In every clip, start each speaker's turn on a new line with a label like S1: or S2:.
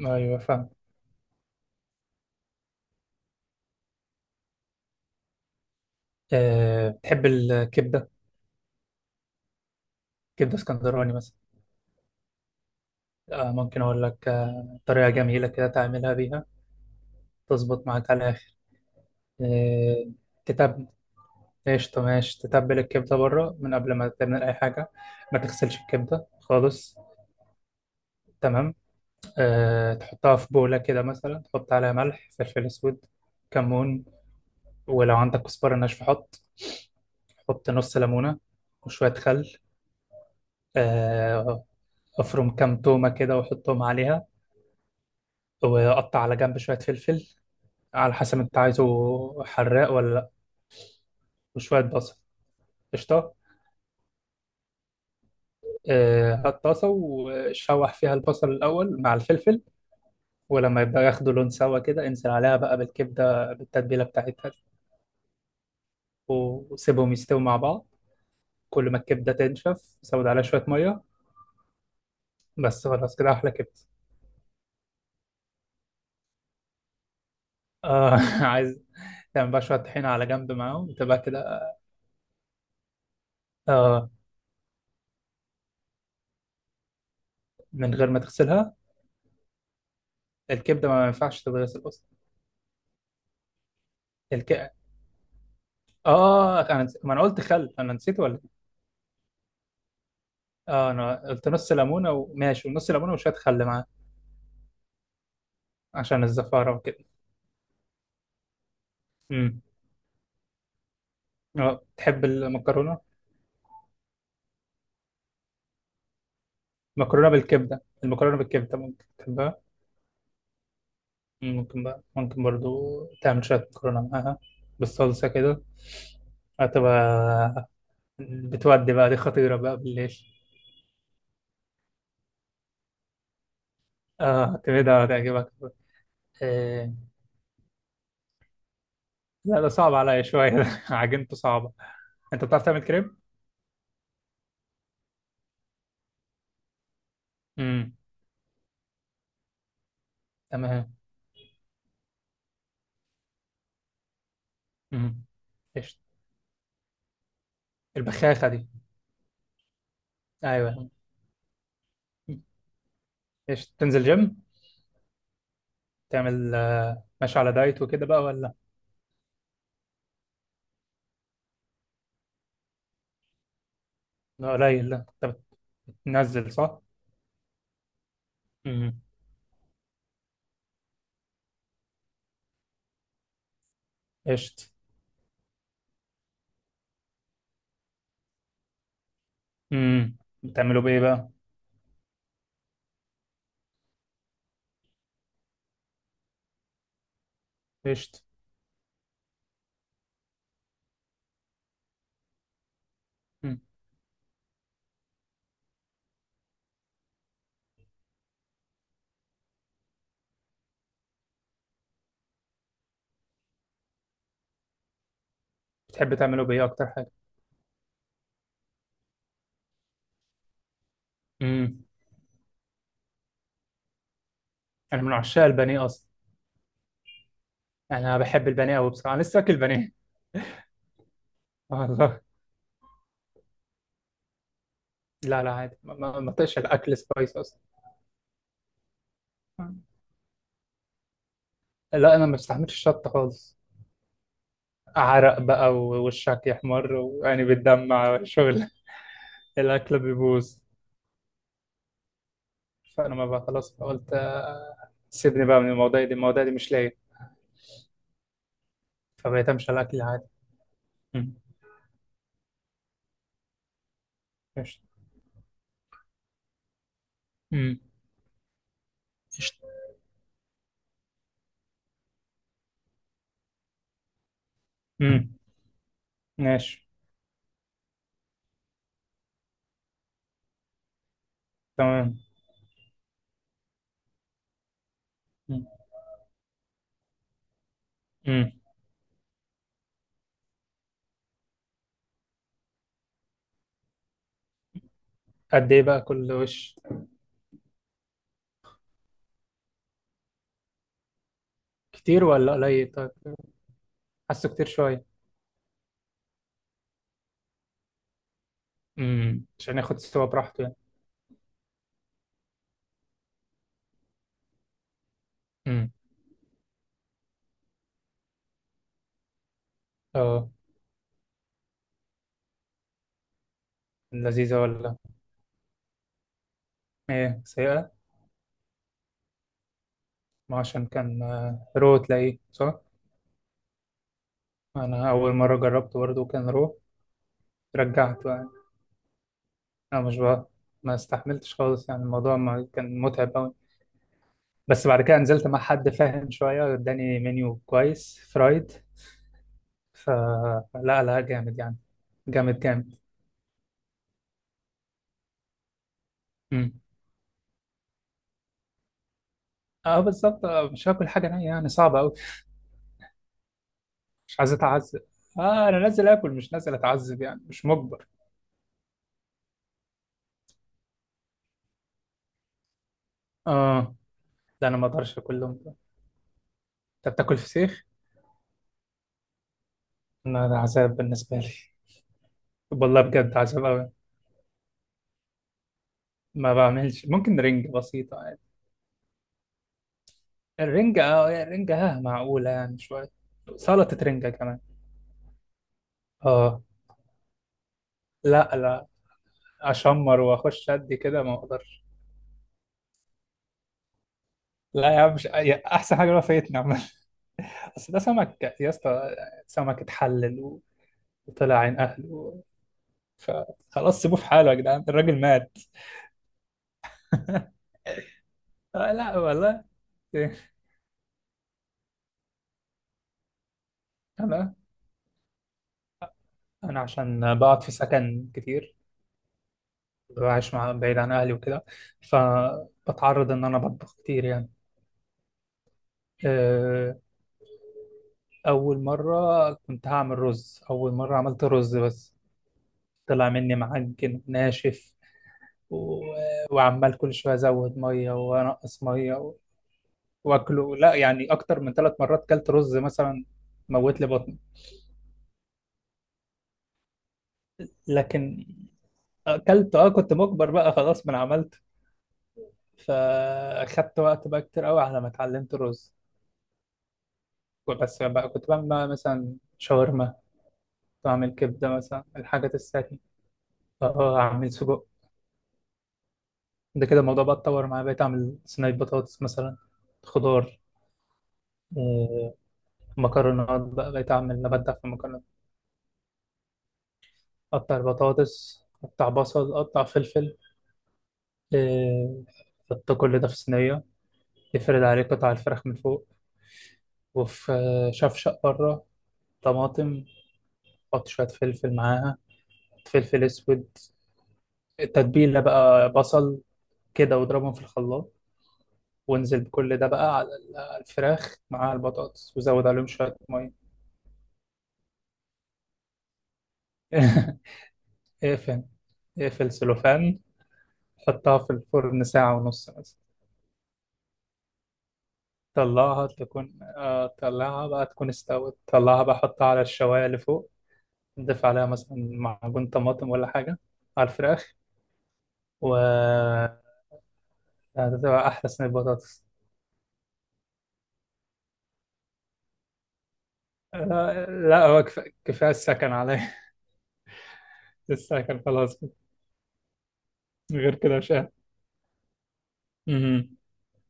S1: ايوه فاهم. أه بتحب الكبده؟ كبده اسكندراني مثلا. أه ممكن اقول لك طريقه جميله كده تعملها بيها. تظبط معاك على الاخر. أه تتبل. قشطه ماشي، تتبل الكبده بره من قبل ما تعمل اي حاجه. ما تغسلش الكبده خالص. تمام. أه تحطها في بوله كده، مثلا تحط عليها ملح، فلفل اسود، كمون، ولو عندك كزبره ناشفه حط. حط نص ليمونه وشويه خل. أه، افرم كام تومه كده وحطهم عليها، وقطع على جنب شوية فلفل على حسب انت عايزه حراق ولا لا، وشوية بصل. قشطة. هات طاسة وشوح فيها البصل الأول مع الفلفل، ولما يبدأ ياخدوا لون سوا كده انزل عليها بقى بالكبدة بالتتبيلة بتاعتها دي، وسيبهم يستووا مع بعض. كل ما الكبدة تنشف زود عليها شوية مية. بس خلاص كده أحلى كبدة. آه عايز تعمل بقى شوية طحينة على جنب معاهم، تبقى كده. آه من غير ما تغسلها. الكبدة ما ينفعش تتغسل أصلا. الك... اه انا نسيت، ما انا قلت خل، انا نسيت ولا إيه؟ اه انا قلت نص ليمونه وماشي ونص ليمونه وشويه خل معاه، عشان الزفاره وكده. امم اه، تحب المكرونه؟ مكرونه بالكبده، المكرونه بالكبده ممكن تحبها. ممكن بقى، ممكن برضو تعمل شويه مكرونه معاها بالصلصه كده. هتبقى، بتودي بقى، دي خطيره بقى بالليل. اه كده هتعجبك. آه. لا ده صعب عليا شويه عجنته صعبه. انت بتعرف تعمل كريب؟ امم. تمام. امم. قشطة. البخاخة دي. ايوه. ايش تنزل جيم؟ تعمل ماشي على دايت وكده بقى ولا؟ لا قليل، لا انت بتنزل صح. امم. قشط. امم. بتعملوا بايه بقى؟ قشط. مم. بتحب تعملوا بايه اكتر حاجة؟ امم. انا من عشاق البانيه اصلا. انا بحب البانيه قوي بصراحة، انا لسه اكل بانيه. والله. لا لا عادي، ما طقش الاكل سبايس اصلا. مم. لا انا ما بستحملش الشطة خالص. عرق بقى ووشك يحمر ويعني بتدمع، شغل الاكل بيبوظ. فانا ما بقى خلاص، فقلت سيبني بقى من المواضيع دي، المواضيع دي مش لاقي. فبقيت امشي على الاكل العادي. مم. قشطة. مم. قشطة. مم. ماشي. تمام. مم. مم. قد ايه بقى كل وش؟ كتير ولا قليل طيب؟ حاسه كتير شويه. مم. عشان ياخد سوا براحته يعني. مم. اه. لذيذه ولا؟ ايه سيئه؟ ما عشان كان رو، تلاقيه صح. انا اول مره جربته برضه كان رو، رجعته يعني. انا مش بقى، ما استحملتش خالص يعني، الموضوع ما كان متعب أوي. بس بعد كده نزلت مع حد فاهم شوية، اداني منيو كويس فرايد، فلا لا لا، جامد يعني، جامد جامد. امم. اه بالظبط، مش هاكل حاجة نية يعني، صعبة أوي. مش عايز أتعذب. اه أنا نازل آكل مش نازل أتعذب يعني، مش مجبر. اه لا أنا ما أقدرش أكلهم. أنت بتاكل فسيخ؟ أنا ده عذاب بالنسبة لي. والله بجد عذاب أوي. ما بعملش، ممكن رنج بسيطة يعني. الرنجة اه، الرنجة ها معقولة يعني شوية. سلطة رنجة كمان اه. لا لا. اشمر واخش ادي كده، ما اقدرش. لا يا عم، مش يا- احسن حاجه بقى فايتني عامه. بس ده سمك يا اسطى، سمك اتحلل وطلع عين اهله، فخلاص سيبوه في حاله يا جدعان، الراجل مات. لا والله إيه، انا انا عشان بقعد في سكن كتير، وعايش مع، بعيد عن اهلي وكده، فبتعرض ان انا بطبخ كتير يعني. آه، اول مره، كنت هعمل رز، اول مره عملت رز بس طلع مني معجن ناشف و... وعمال كل شويه ازود ميه وانقص ميه واكله، لا يعني اكتر من ثلاث مرات كلت رز مثلا، موت لي بطني. لكن اكلت، اه كنت مجبر بقى خلاص، ما أنا عملت. فاخدت وقت بقى كتير قوي على ما اتعلمت الرز. بس بقى كنت بعمل بقى مثلا شاورما، كنت بعمل كبده مثلا، الحاجات السهله. اه اعمل سجق. ده كده الموضوع بقى اتطور معايا، بقيت اعمل صينيه بطاطس مثلا، خضار، آه، مكرونات بقى، بقيت اعمل ابدع في المكرونات. قطع البطاطس، قطع بصل، قطع فلفل، إيه، حط كل ده في صينية، افرد عليه قطع الفراخ من فوق. وفي شفشق بره، طماطم، حط شوية فلفل معاها، فلفل أسود، التتبيلة بقى، بصل، كده، واضربهم في الخلاط. وانزل بكل ده بقى على على الفراخ مع البطاطس وزود عليهم شوية مية. اقفل، اقفل سلوفان، حطها في الفرن ساعة ونص مثلا. طلعها تكون آه، طلعها بقى تكون استوت، طلعها بقى حطها على الشواية اللي فوق. ضيف عليها مثلا معجون طماطم ولا حاجة على الفراخ، و هتبقى أحلى صينية بطاطس. لا هو كفاية السكن عليا السكن خلاص كده. غير كده مش قادر. مهم.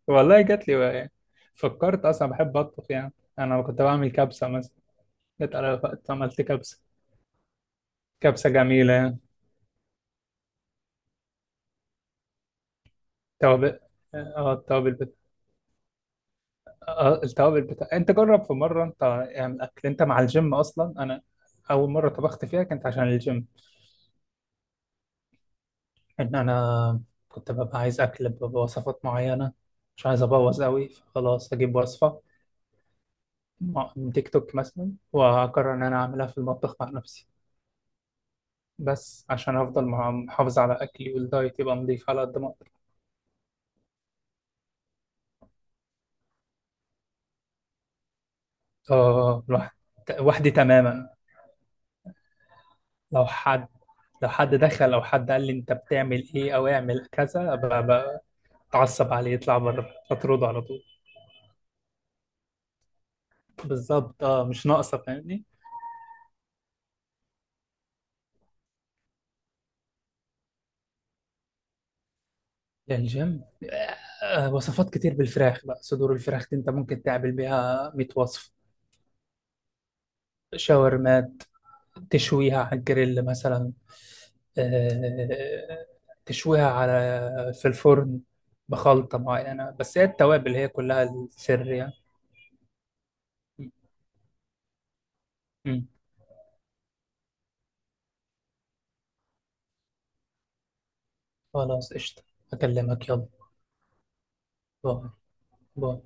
S1: والله جات لي بقى يعني، فكرت أصلا، بحب أطبخ يعني. أنا كنت بعمل كبسة مثلا، جت على وقت عملت كبسة، كبسة جميلة يعني. توابل. اه التوابل بتاع، انت جرب في مره انت اعمل اكل انت مع الجيم. اصلا انا اول مره طبخت فيها كانت عشان الجيم، ان انا كنت ببقى عايز اكل بوصفات معينه، مش عايز ابوظ قوي، فخلاص اجيب وصفه من تيك توك مثلا، واقرر ان انا اعملها في المطبخ مع نفسي، بس عشان افضل محافظ على اكلي، والدايت يبقى نضيف على قد ما اقدر. اه وحدي تماما. لو حد، لو حد دخل او حد قال لي انت بتعمل ايه او اعمل كذا، تعصب عليه، يطلع بره، تطرده على طول. بالظبط، اه مش ناقصه فاهمني. يا الجيم، وصفات كتير بالفراخ بقى، صدور الفراخ دي انت ممكن تعمل بيها 100 وصف. شاورمات، تشويها على الجريل مثلا، آه، تشويها على، في الفرن، بخلطة معينة، بس هي التوابل هي كلها السر يعني. م- م. خلاص قشطة، أكلمك يلا. باي. باي.